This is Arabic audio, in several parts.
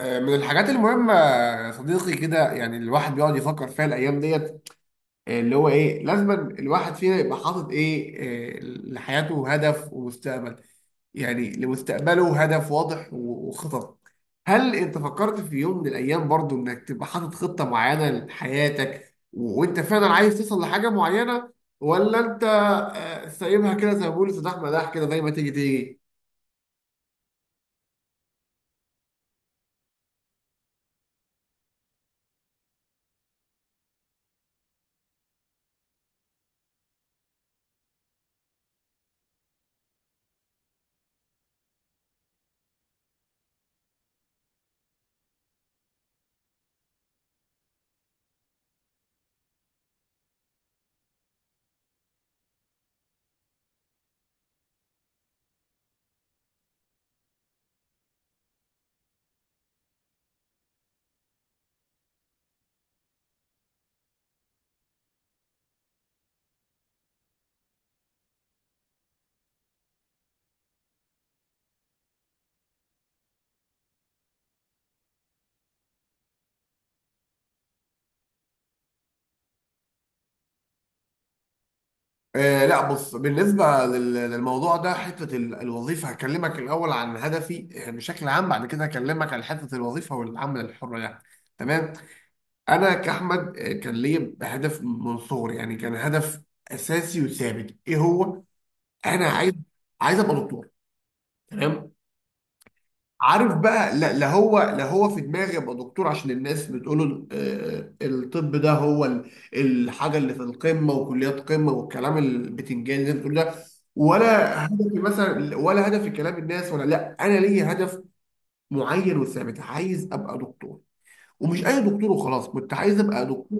من الحاجات المهمة يا صديقي كده، يعني الواحد بيقعد يفكر فيها الأيام ديت. اللي هو إيه، لازم الواحد فينا يبقى حاطط إيه لحياته هدف ومستقبل، يعني لمستقبله هدف واضح و- وخطط. هل أنت فكرت في يوم من الأيام برضو إنك تبقى حاطط خطة معينة لحياتك و- وأنت فعلا عايز توصل لحاجة معينة، ولا أنت سايبها كده زي ما بيقولوا سداح مداح كده زي ما تيجي تيجي؟ لا بص، بالنسبة لل- للموضوع ده، حتة ال- الوظيفة، هكلمك الأول عن هدفي بشكل عام، بعد كده هكلمك عن حتة الوظيفة والعمل الحر، يعني تمام. أنا كأحمد كان ليا هدف من صغري، يعني كان هدف أساسي وثابت. إيه هو؟ أنا عايز أبقى دكتور. تمام. عارف بقى، لا لا، لا هو في دماغي ابقى دكتور عشان الناس بتقول الطب ده هو ال- الحاجه اللي في القمه وكليات قمه والكلام البتنجان اللي انت بتقول ده ولا هدفي، مثلا ولا هدفي كلام الناس، ولا. لا، انا ليا هدف معين وثابت، عايز ابقى دكتور. ومش اي دكتور وخلاص، كنت عايز ابقى دكتور.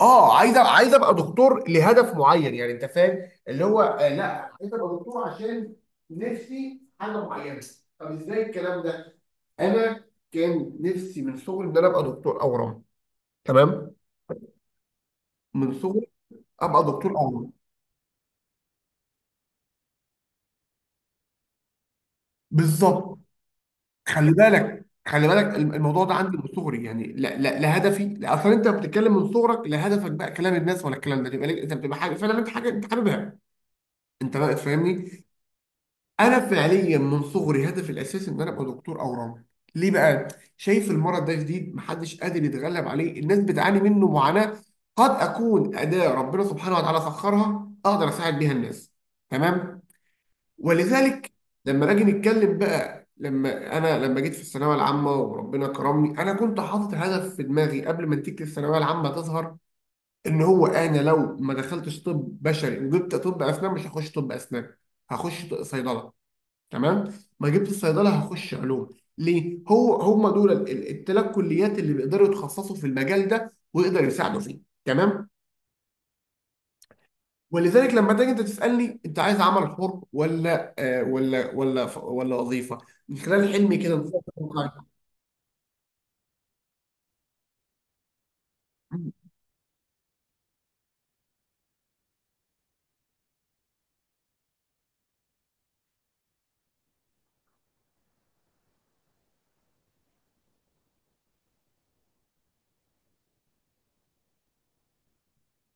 اه، عايز عايز ابقى دكتور لهدف معين، يعني انت فاهم اللي هو لا، عايز ابقى دكتور عشان نفسي حاجه معينه. طب ازاي الكلام ده؟ انا كان نفسي من صغري ان انا ابقى دكتور اورام. تمام. من صغري ابقى دكتور اورام. بالظبط. خلي بالك، خلي بالك، الم- الموضوع ده عندي من صغري، يعني لا لا لا، هدفي لا اصلا، انت بتتكلم من صغرك لا هدفك بقى كلام الناس ولا الكلام ده، تبقى انت بتبقى حاجه فعلا، انت حاجه انت حاببها. انت بقى تفهمني. انا فعليا من صغري هدفي الاساسي ان انا ابقى دكتور اورام. ليه بقى؟ شايف المرض ده جديد، محدش قادر يتغلب عليه، الناس بتعاني منه معاناة، قد اكون اداة ربنا سبحانه وتعالى سخرها اقدر اساعد بيها الناس. تمام. ولذلك لما نيجي نتكلم بقى، لما جيت في الثانويه العامه وربنا كرمني، انا كنت حاطط هدف في دماغي قبل ما نتيجه الثانويه العامه تظهر، ان هو انا لو ما دخلتش طب بشري وجبت طب اسنان، مش هخش طب اسنان، هخش صيدله. تمام. ما جبت الصيدله، هخش علوم. ليه؟ هو هم دول التلات كليات اللي بيقدروا يتخصصوا في المجال ده ويقدروا يساعدوا فيه. تمام. ولذلك لما تيجي انت تسالني انت عايز عمل حر ولا ولا وظيفه، من خلال حلمي كده نفكر. مم.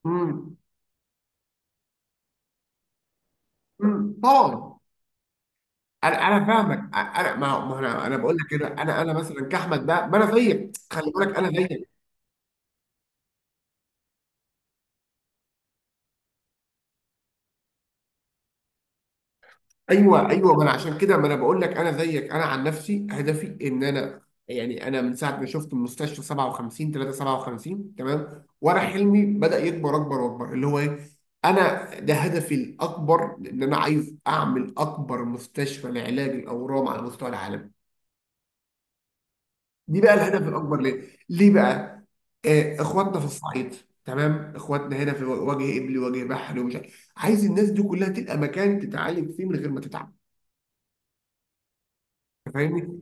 مم. مم. طبعا. انا فاهمك، انا ما ما انا بقول لك، كده انا مثلا كاحمد ده ما انا زيك، خلي بالك، انا زيك. ايوه ايوه، ما انا عشان كده ما انا بقول لك انا زيك، انا عن نفسي هدفي ان انا، يعني انا من ساعه ما شفت المستشفى 57 3 57، تمام، وانا حلمي بدا يكبر اكبر واكبر اللي هو ايه. انا ده هدفي الاكبر، ان انا عايز اعمل اكبر مستشفى لعلاج الاورام على مستوى العالم. دي بقى الهدف الاكبر. ليه؟ بقى، آه، اخواتنا في الصعيد. تمام، اخواتنا هنا في وجه قبلي، وجه بحري، ومش عارف. عايز الناس دي كلها تلقى مكان تتعالج فيه من غير ما تتعب. فاهمني،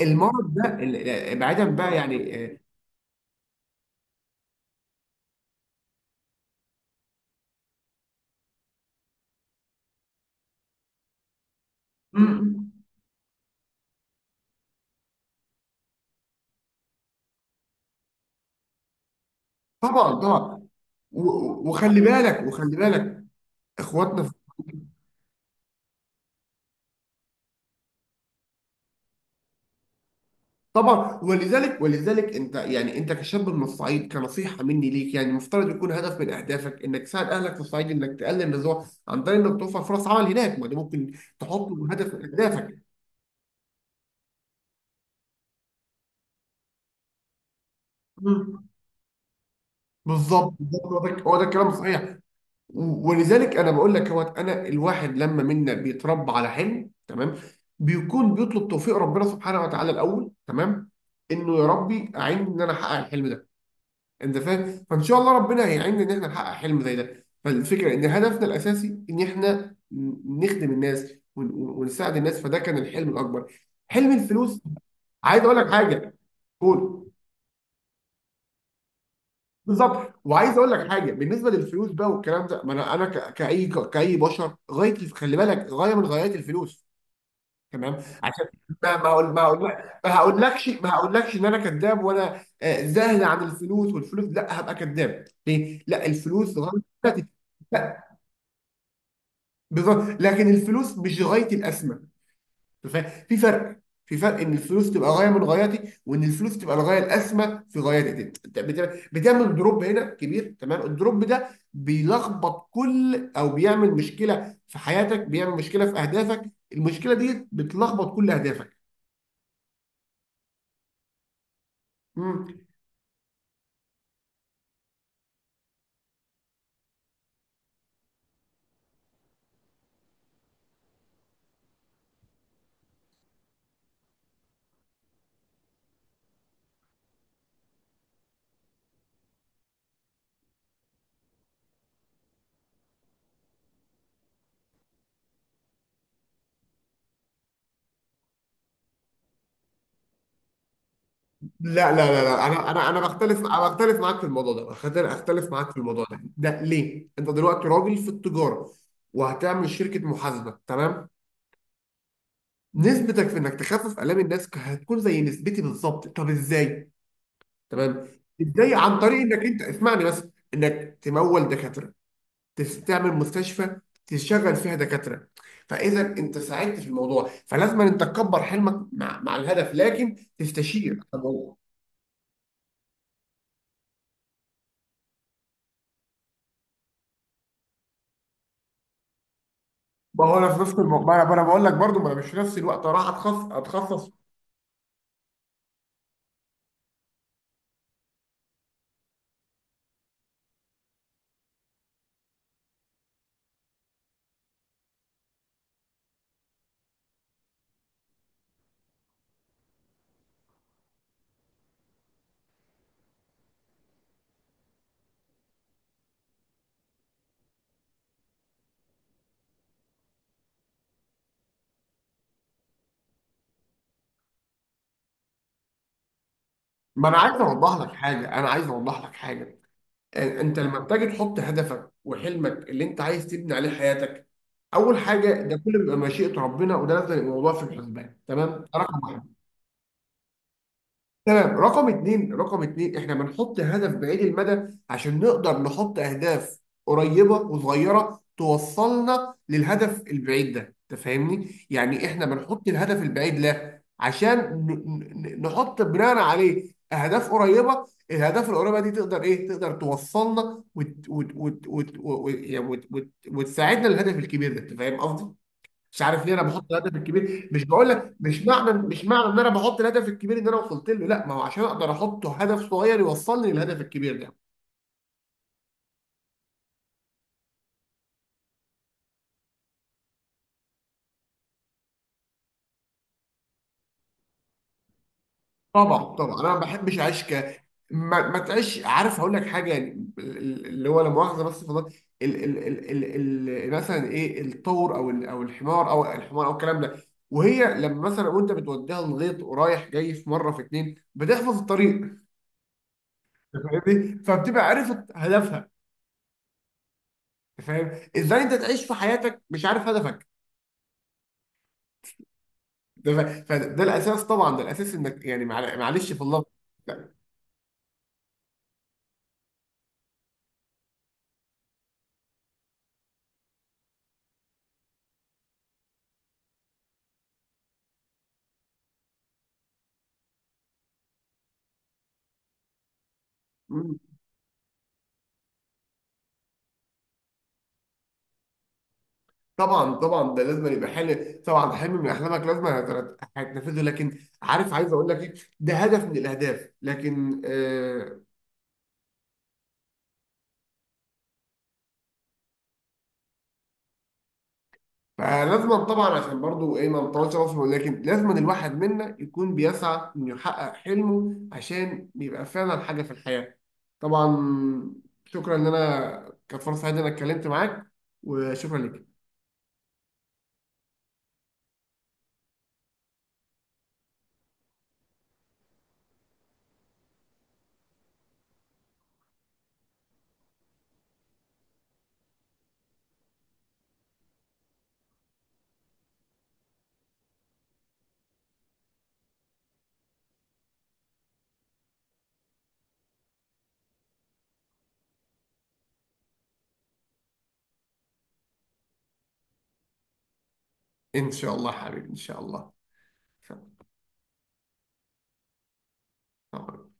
المرض ده بعيدا بقى، يعني م- م. طبعا طبعا. و- وخلي بالك، وخلي بالك، اخواتنا طبعا، ولذلك انت، يعني انت كشاب من الصعيد، كنصيحه مني ليك يعني، المفترض يكون هدف من اهدافك انك تساعد اهلك في الصعيد، انك تقلل النزوع عن طريق انك توفر فرص عمل هناك، ما ده ممكن تحطه هدف من اهدافك. مم. بالظبط بالظبط، هو ده هو ده الكلام الصحيح. ولذلك انا بقول لك، هو انا الواحد لما منا بيتربى على حلم، تمام، بيكون بيطلب توفيق ربنا سبحانه وتعالى الاول، تمام، انه يا ربي اعينني ان انا احقق الحلم ده. انت فاهم، فان شاء الله ربنا هيعيننا ان احنا نحقق حلم زي ده. فالفكره ان هدفنا الاساسي ان احنا نخدم الناس ون- ون- ونساعد الناس. فده كان الحلم الاكبر، حلم الفلوس. عايز اقول لك حاجه. قول. بالظبط، وعايز اقول لك حاجه بالنسبه للفلوس بقى والكلام ده، ما انا كاي بشر، غايه، خلي بالك، غايه من غايات الفلوس. تمام. عشان ما ما اقول ما اقول، ما هقولكش ان انا كذاب وانا زاهد عن الفلوس والفلوس، لا، هبقى كذاب ليه؟ لا، الفلوس غايه. لا، بالظبط، لكن الفلوس مش غايه الاسمى. ف- في فرق في فرق ان الفلوس تبقى غايه من غاياتي وان الفلوس تبقى الغايه الاسمى في غاياتي. انت بت- بتعمل دروب هنا كبير، تمام. الدروب ده بيلخبط كل، او بيعمل مشكله في حياتك، بيعمل مشكله في اهدافك، المشكله دي بتلخبط كل اهدافك. مم. لا لا لا لا، انا بختلف، انا بختلف معاك في الموضوع ده أختلف معاك في الموضوع ده. ليه انت دلوقتي راجل في التجاره وهتعمل شركه محاسبه، تمام، نسبتك في انك تخفف الام الناس هتكون زي نسبتي بالظبط. طب ازاي؟ تمام. ازاي؟ عن طريق انك انت، اسمعني بس، انك تمول دكاتره، تعمل مستشفى، تشغل فيها دكاتره، فاذا انت ساعدت في الموضوع، فلازم انت تكبر حلمك مع الهدف، لكن تستشير. طب ما هو انا في نفس الموضوع، ما انا ما أنا بقول لك برضو ما انا مش في نفس الوقت راح اتخصص. ما انا عايز اوضح لك حاجه، انت لما بتيجي تحط هدفك وحلمك اللي انت عايز تبني عليه حياتك، اول حاجه ده كله بيبقى مشيئه ربنا، وده لازم يبقى موضوع في الحسبان. تمام. ده رقم واحد. تمام. رقم اتنين، احنا بنحط هدف بعيد المدى عشان نقدر نحط اهداف قريبة وصغيرة توصلنا للهدف البعيد ده، تفهمني؟ يعني احنا بنحط الهدف البعيد له عشان نحط بناء عليه اهداف قريبة، الاهداف القريبة دي تقدر ايه، تقدر توصلنا وت... وت... وت... وت... وت... وت... وت... وت... وتساعدنا للهدف الكبير ده، انت فاهم قصدي؟ مش عارف ليه انا بحط الهدف الكبير، مش بقول لك، مش معنى ان انا بحط الهدف الكبير ان انا وصلت له لا، ما هو عشان اقدر احط هدف صغير يوصلني للهدف الكبير ده. طبعا طبعا، انا ما بحبش اعيش ك، ما تعيش. عارف هقول لك حاجه يعني اللي هو، لا مؤاخذه، بس في النقطة ال ال ال ال ال مثلا، ايه، الطور او او الحمار، او الكلام ده، وهي لما مثلا وانت بتوديها الغيط ورايح جاي في مره في اتنين بتحفظ الطريق، فاهمني، فبتبقى عارف هدفها. فاهم، ازاي انت تعيش في حياتك مش عارف هدفك؟ ده ف- فده الاساس، طبعا ده الاساس، انك يعني معلش في الله. لا. مم. طبعا طبعا، ده لازم يبقى حلم، طبعا حلم من احلامك لازم هت- هتنفذه، لكن عارف عايز اقول لك ايه، ده هدف من الاهداف، لكن فلازم طبعا، عشان برضو ايه، ما نطولش مصر، ولكن لازم الواحد منا يكون بيسعى انه يحقق حلمه عشان يبقى فعلا حاجه في الحياه. طبعا. شكرا، ان انا كانت فرصه سعيده ان انا اتكلمت معاك، وشكرا لك. ان شاء الله حبيبي، ان شاء الله. شكراً.